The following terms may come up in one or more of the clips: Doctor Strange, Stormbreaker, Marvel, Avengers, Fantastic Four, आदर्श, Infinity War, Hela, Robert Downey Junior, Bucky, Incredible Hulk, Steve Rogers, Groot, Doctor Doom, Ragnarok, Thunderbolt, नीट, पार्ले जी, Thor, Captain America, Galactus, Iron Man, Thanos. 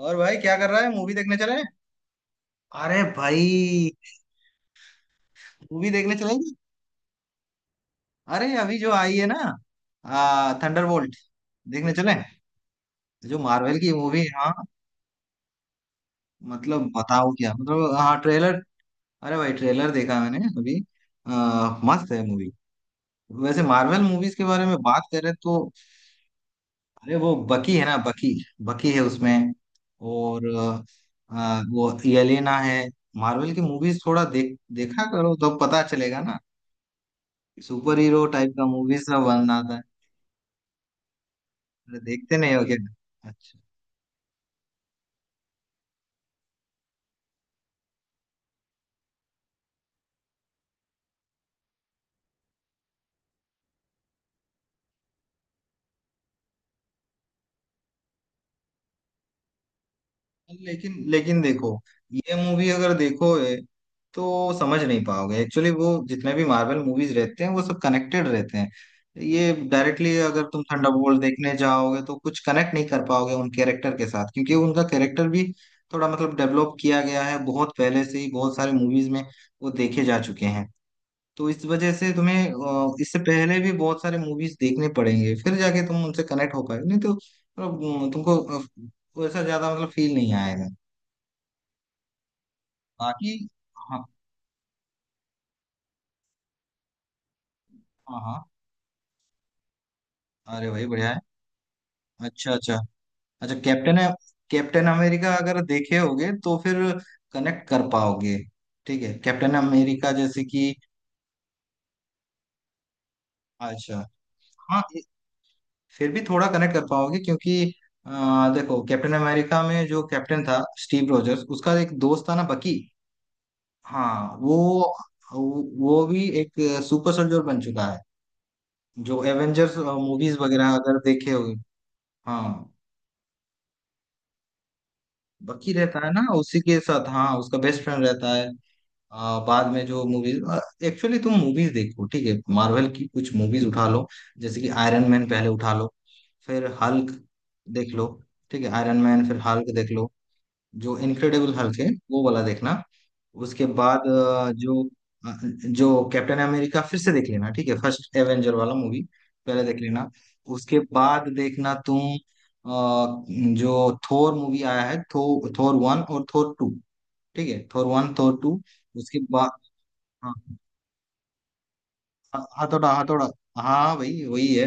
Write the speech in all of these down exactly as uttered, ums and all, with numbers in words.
और भाई, क्या कर रहा है? मूवी देखने चले? अरे भाई, मूवी देखने चलेंगे। अरे, अभी जो आई है ना, आ, थंडरबोल्ट, देखने चले? जो मार्वल की मूवी है। हाँ, मतलब बताओ क्या? मतलब हाँ, ट्रेलर। अरे भाई, ट्रेलर देखा मैंने अभी। आ, मस्त है मूवी। वैसे मार्वल मूवीज के बारे में बात करें, तो अरे वो बकी है ना, बकी। बकी है उसमें। और आ, वो एलिना है। मार्वल की मूवीज थोड़ा देख देखा करो तो पता चलेगा ना। सुपर हीरो टाइप का मूवीज में बनाता है। अरे देखते नहीं हो क्या? अच्छा। लेकिन लेकिन देखो, ये मूवी अगर देखोगे तो समझ नहीं पाओगे। एक्चुअली, वो जितने भी मार्वल मूवीज रहते हैं वो सब कनेक्टेड रहते हैं। ये डायरेक्टली अगर तुम थंडरबोल्ट देखने जाओगे तो कुछ कनेक्ट नहीं कर पाओगे उन कैरेक्टर के साथ, क्योंकि उनका कैरेक्टर भी थोड़ा मतलब डेवलप किया गया है बहुत पहले से ही। बहुत सारे मूवीज में वो देखे जा चुके हैं। तो इस वजह से तुम्हें अ, इससे पहले भी बहुत सारे मूवीज देखने पड़ेंगे, फिर जाके तुम उनसे कनेक्ट हो पाए। नहीं तो मतलब अ, तुमको अ, वैसा ज्यादा मतलब फील नहीं आएगा। बाकी हाँ, हाँ हाँ। अरे भाई, बढ़िया है। अच्छा, अच्छा, अच्छा। कैप्टन, कैप्टन अमेरिका अगर देखे होगे तो फिर कनेक्ट कर पाओगे। ठीक है, कैप्टन अमेरिका जैसे कि अच्छा हाँ, ए- फिर भी थोड़ा कनेक्ट कर पाओगे, क्योंकि अ, देखो, कैप्टन अमेरिका में जो कैप्टन था स्टीव रोजर्स, उसका एक दोस्त था ना, बकी। हाँ, वो वो भी एक सुपर सोल्जर बन चुका है। जो एवेंजर्स मूवीज वगैरह अगर देखे हो, हाँ, बकी रहता है ना उसी के साथ। हाँ, उसका बेस्ट फ्रेंड रहता है। आ, बाद में जो मूवीज, एक्चुअली तुम मूवीज देखो, ठीक है? मार्वल की कुछ मूवीज उठा लो। जैसे कि आयरन मैन पहले उठा लो, फिर हल्क देख लो। ठीक है, आयरन मैन, फिर हल्क देख लो। जो इनक्रेडिबल हल्क है, वो वाला देखना। उसके बाद अ, जो अ, जो कैप्टन अमेरिका फिर से देख लेना। ठीक है, फर्स्ट एवेंजर वाला मूवी पहले देख लेना। उसके बाद देखना तुम अ, जो थोर मूवी आया है, थो, थोर वन और थोर टू। ठीक है, थोर वन, थोर टू। उसके बाद हाँ, हथौड़ा, हथौड़ा। हाँ भाई, वही है।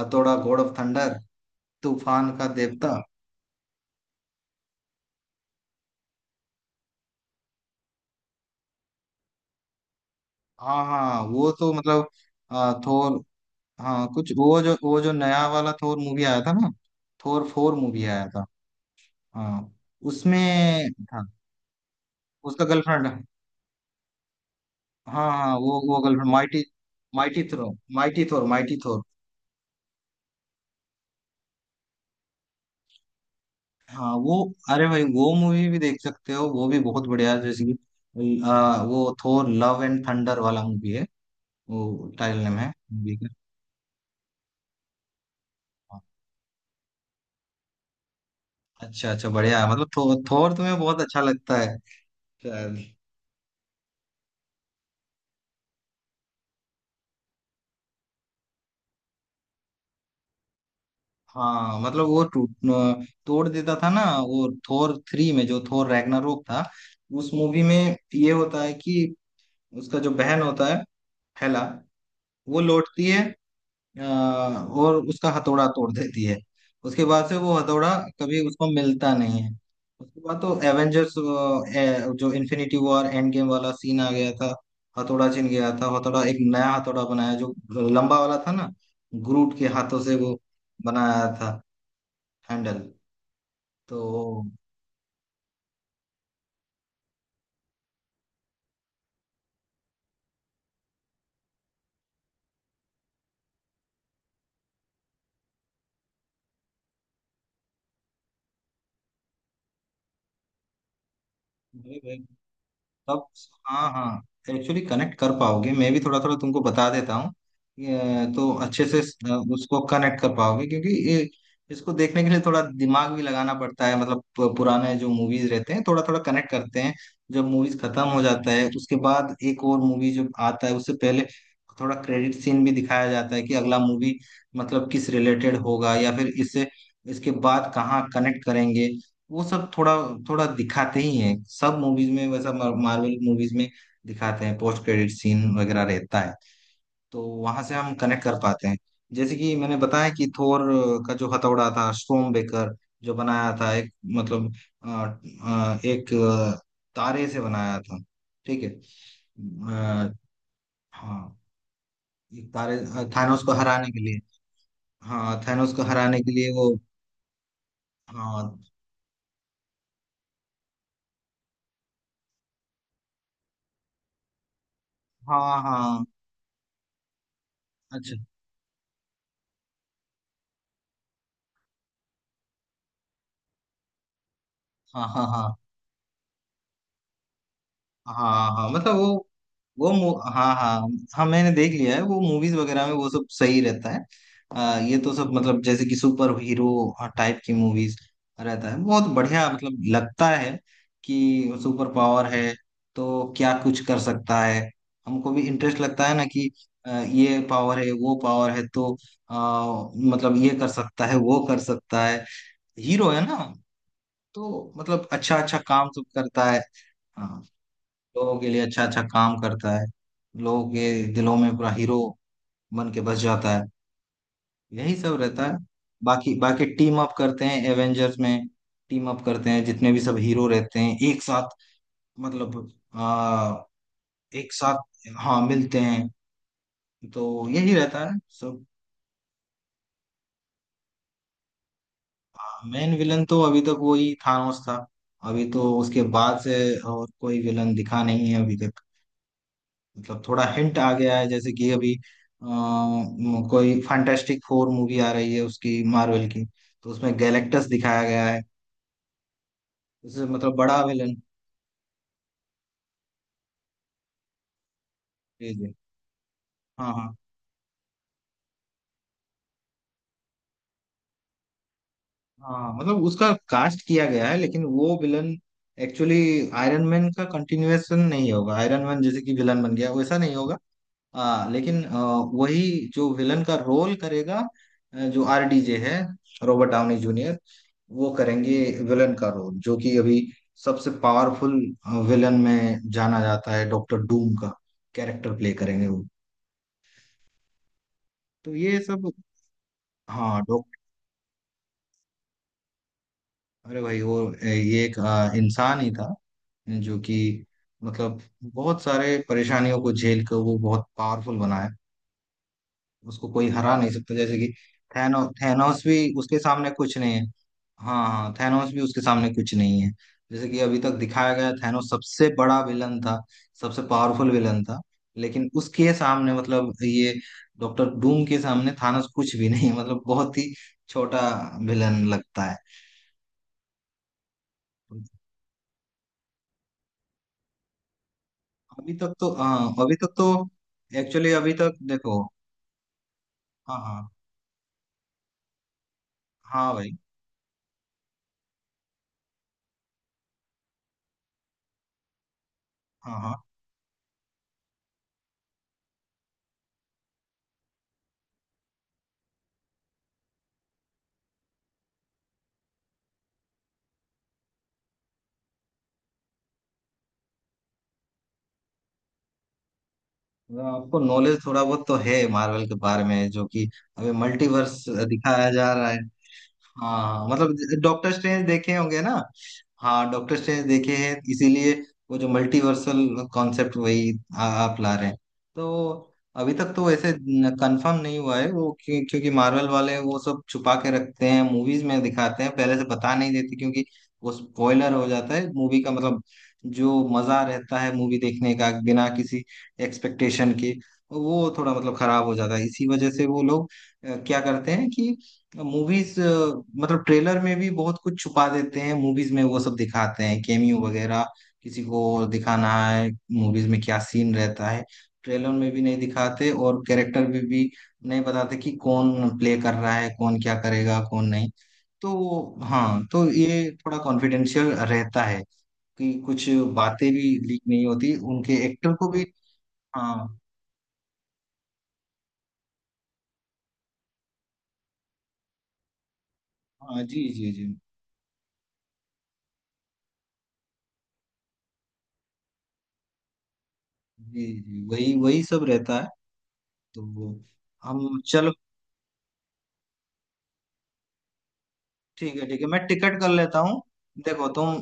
हथौड़ा, गॉड ऑफ थंडर, तूफान का देवता। हाँ हाँ, वो तो मतलब आ, थोर। हाँ, कुछ वो जो वो जो नया वाला थोर मूवी आया था ना, थोर फोर मूवी आया था। हाँ, उसमें था। उसका गर्लफ्रेंड। हाँ हाँ, वो वो girlfriend, mighty, mighty Thor, mighty Thor, mighty Thor. हाँ, वो, अरे भाई वो मूवी भी देख सकते हो, वो भी बहुत बढ़िया है। जैसे कि आ, वो थोर लव एंड थंडर वाला मूवी है। वो टाइटल नेम है मूवी का। हाँ, अच्छा अच्छा, बढ़िया है। मतलब थो, थोर तुम्हें बहुत अच्छा लगता है। हाँ, मतलब वो टूट तोड़ देता था ना। वो थोर थ्री में जो थोर रैग्नारोक था, उस मूवी में ये होता है कि उसका जो बहन होता है, हेला, वो लौटती है अ, और उसका हथौड़ा तोड़ देती है। उसके बाद से वो हथौड़ा कभी उसको मिलता नहीं है। उसके बाद तो एवेंजर्स जो इन्फिनिटी वॉर एंड गेम वाला सीन आ गया था, हथौड़ा छिन गया था। हथौड़ा, एक नया हथौड़ा बनाया, जो लंबा वाला था ना, ग्रूट के हाथों से वो बनाया था, हैंडल। तो अरे भाई तब, हाँ हाँ, एक्चुअली कनेक्ट कर पाओगे। मैं भी थोड़ा थोड़ा तुमको बता देता हूँ, ये, तो अच्छे से अ, उसको कनेक्ट कर पाओगे। क्योंकि ये, इसको देखने के लिए थोड़ा दिमाग भी लगाना पड़ता है। मतलब पु- पुराने जो मूवीज रहते हैं, थोड़ा थोड़ा कनेक्ट करते हैं। जब मूवीज खत्म हो जाता है, उसके बाद एक और मूवी जब आता है, उससे पहले थोड़ा क्रेडिट सीन भी दिखाया जाता है कि अगला मूवी मतलब किस रिलेटेड होगा, या फिर इससे इसके बाद कहाँ कनेक्ट करेंगे। वो सब थोड़ा थोड़ा दिखाते ही हैं सब मूवीज में। वैसा मार्वल मूवीज में दिखाते हैं, पोस्ट क्रेडिट सीन वगैरह रहता है। तो वहां से हम कनेक्ट कर पाते हैं। जैसे कि मैंने बताया कि थोर का जो हथौड़ा था, स्टॉर्म बेकर, जो बनाया था, एक मतलब अ, अ, एक अ, तारे से बनाया था। ठीक है। अ, हाँ, एक तारे, थानोस को हराने के लिए। हाँ, थानोस को हराने के लिए वो, हाँ हाँ हाँ, अच्छा, हाँ हाँ हाँ, हाँ हाँ हाँ, मतलब वो वो मु हाँ हाँ। हाँ, मैंने देख लिया है वो मूवीज वगैरह में। वो सब सही रहता है। आ, ये तो सब मतलब जैसे कि सुपर हीरो टाइप की मूवीज रहता है। बहुत बढ़िया, मतलब लगता है कि सुपर पावर है, तो क्या कुछ कर सकता है। हमको भी इंटरेस्ट लगता है ना कि अ, ये पावर है, वो पावर है। तो आ, मतलब ये कर सकता है, वो कर सकता है। हीरो है ना, तो मतलब अच्छा अच्छा काम सब करता है। हाँ, लोगों के लिए अच्छा अच्छा काम करता है। लोगों के दिलों में पूरा हीरो बन के बस जाता है। यही सब रहता है। बाकी, बाकी टीम अप करते हैं एवेंजर्स में। टीम अप करते हैं जितने भी सब हीरो रहते हैं एक साथ। मतलब आ, एक साथ हाँ मिलते हैं। तो यही रहता है सब। मेन विलन तो अभी तक वही थानोस था। अभी तो उसके बाद से और कोई विलन दिखा नहीं है अभी तक। मतलब थोड़ा हिंट आ गया है, जैसे कि अभी अ, म- कोई फैंटास्टिक फोर मूवी आ रही है उसकी, मार्वल की। तो उसमें गैलेक्टस दिखाया गया है, उससे मतलब बड़ा विलन। जी जी, हाँ हाँ हाँ, मतलब उसका कास्ट किया गया है। लेकिन वो विलन एक्चुअली आयरन मैन का कंटिन्यूएशन नहीं होगा। आयरन मैन जैसे कि विलन बन गया, वैसा नहीं होगा। आ, लेकिन अ, वही जो विलन का रोल करेगा, अ, जो आर डी जे है, रॉबर्ट डाउनी जूनियर, वो करेंगे विलन का रोल, जो कि अभी सबसे पावरफुल विलन में जाना जाता है। डॉक्टर डूम का कैरेक्टर प्ले करेंगे वो। तो ये सब। हाँ, डॉक्टर, अरे भाई वो अ, ये एक अ, इंसान ही था, जो कि मतलब बहुत सारे परेशानियों को झेल कर वो बहुत पावरफुल बना है। उसको कोई हरा नहीं सकता, जैसे कि थैनो थैनोस भी उसके सामने कुछ नहीं है। हाँ हाँ, थैनोस भी उसके सामने कुछ नहीं है। जैसे कि अभी तक दिखाया गया, थैनोस सबसे बड़ा विलन था, सबसे पावरफुल विलन था। लेकिन उसके सामने मतलब ये डॉक्टर डूम के सामने थानोस कुछ भी नहीं है, मतलब बहुत ही छोटा विलन लगता है। अभी तक तो हाँ, अभी तक तो एक्चुअली अभी तक देखो, हाँ हाँ, हाँ भाई, हाँ हाँ। आपको नॉलेज थोड़ा बहुत तो है मार्वल के बारे में, जो कि अभी मल्टीवर्स दिखाया जा रहा है। हाँ, मतलब डॉक्टर स्ट्रेंज देखे होंगे ना? हाँ, डॉक्टर स्ट्रेंज देखे हैं इसीलिए। वो जो मल्टीवर्सल कॉन्सेप्ट, वही आ, आप ला रहे हैं। तो अभी तक तो वैसे कंफर्म नहीं हुआ है वो, क्यों- क्योंकि मार्वल वाले वो सब छुपा के रखते हैं। मूवीज में दिखाते हैं, पहले से बता नहीं देते, क्योंकि वो स्पॉइलर हो जाता है मूवी का। मतलब जो मजा रहता है मूवी देखने का बिना किसी एक्सपेक्टेशन के, वो थोड़ा मतलब खराब हो जाता है। इसी वजह से वो लोग अ, क्या करते हैं कि मूवीज मतलब ट्रेलर में भी बहुत कुछ छुपा देते हैं। मूवीज में वो सब दिखाते हैं, कैमियो वगैरह। किसी को दिखाना है मूवीज में क्या सीन रहता है, ट्रेलर में भी नहीं दिखाते। और कैरेक्टर भी, भी नहीं बताते कि कौन प्ले कर रहा है, कौन क्या करेगा, कौन नहीं। तो वो- हाँ, तो ये थोड़ा कॉन्फिडेंशियल रहता है, कि कुछ बातें भी लीक नहीं होती उनके एक्टर को भी। हाँ हाँ, जी जी जी, जी जी, वही वही सब रहता है। तो हम चलो, ठीक है, ठीक है, मैं टिकट कर लेता हूँ। देखो तुम,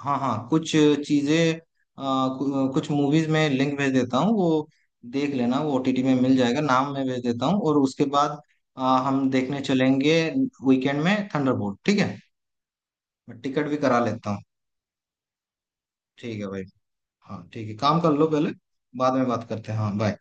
हाँ हाँ, कुछ चीजें आ, कु- कुछ मूवीज में लिंक भेज देता हूँ। वो देख लेना, वो ओ टी टी में मिल जाएगा। नाम मैं भेज देता हूँ और उसके बाद आ, हम देखने चलेंगे वीकेंड में, थंडरबोल्ट। ठीक है, मैं टिकट भी करा लेता हूँ। ठीक है भाई, हाँ ठीक है, काम कर लो पहले। बाद में बात करते हैं, हाँ बाय।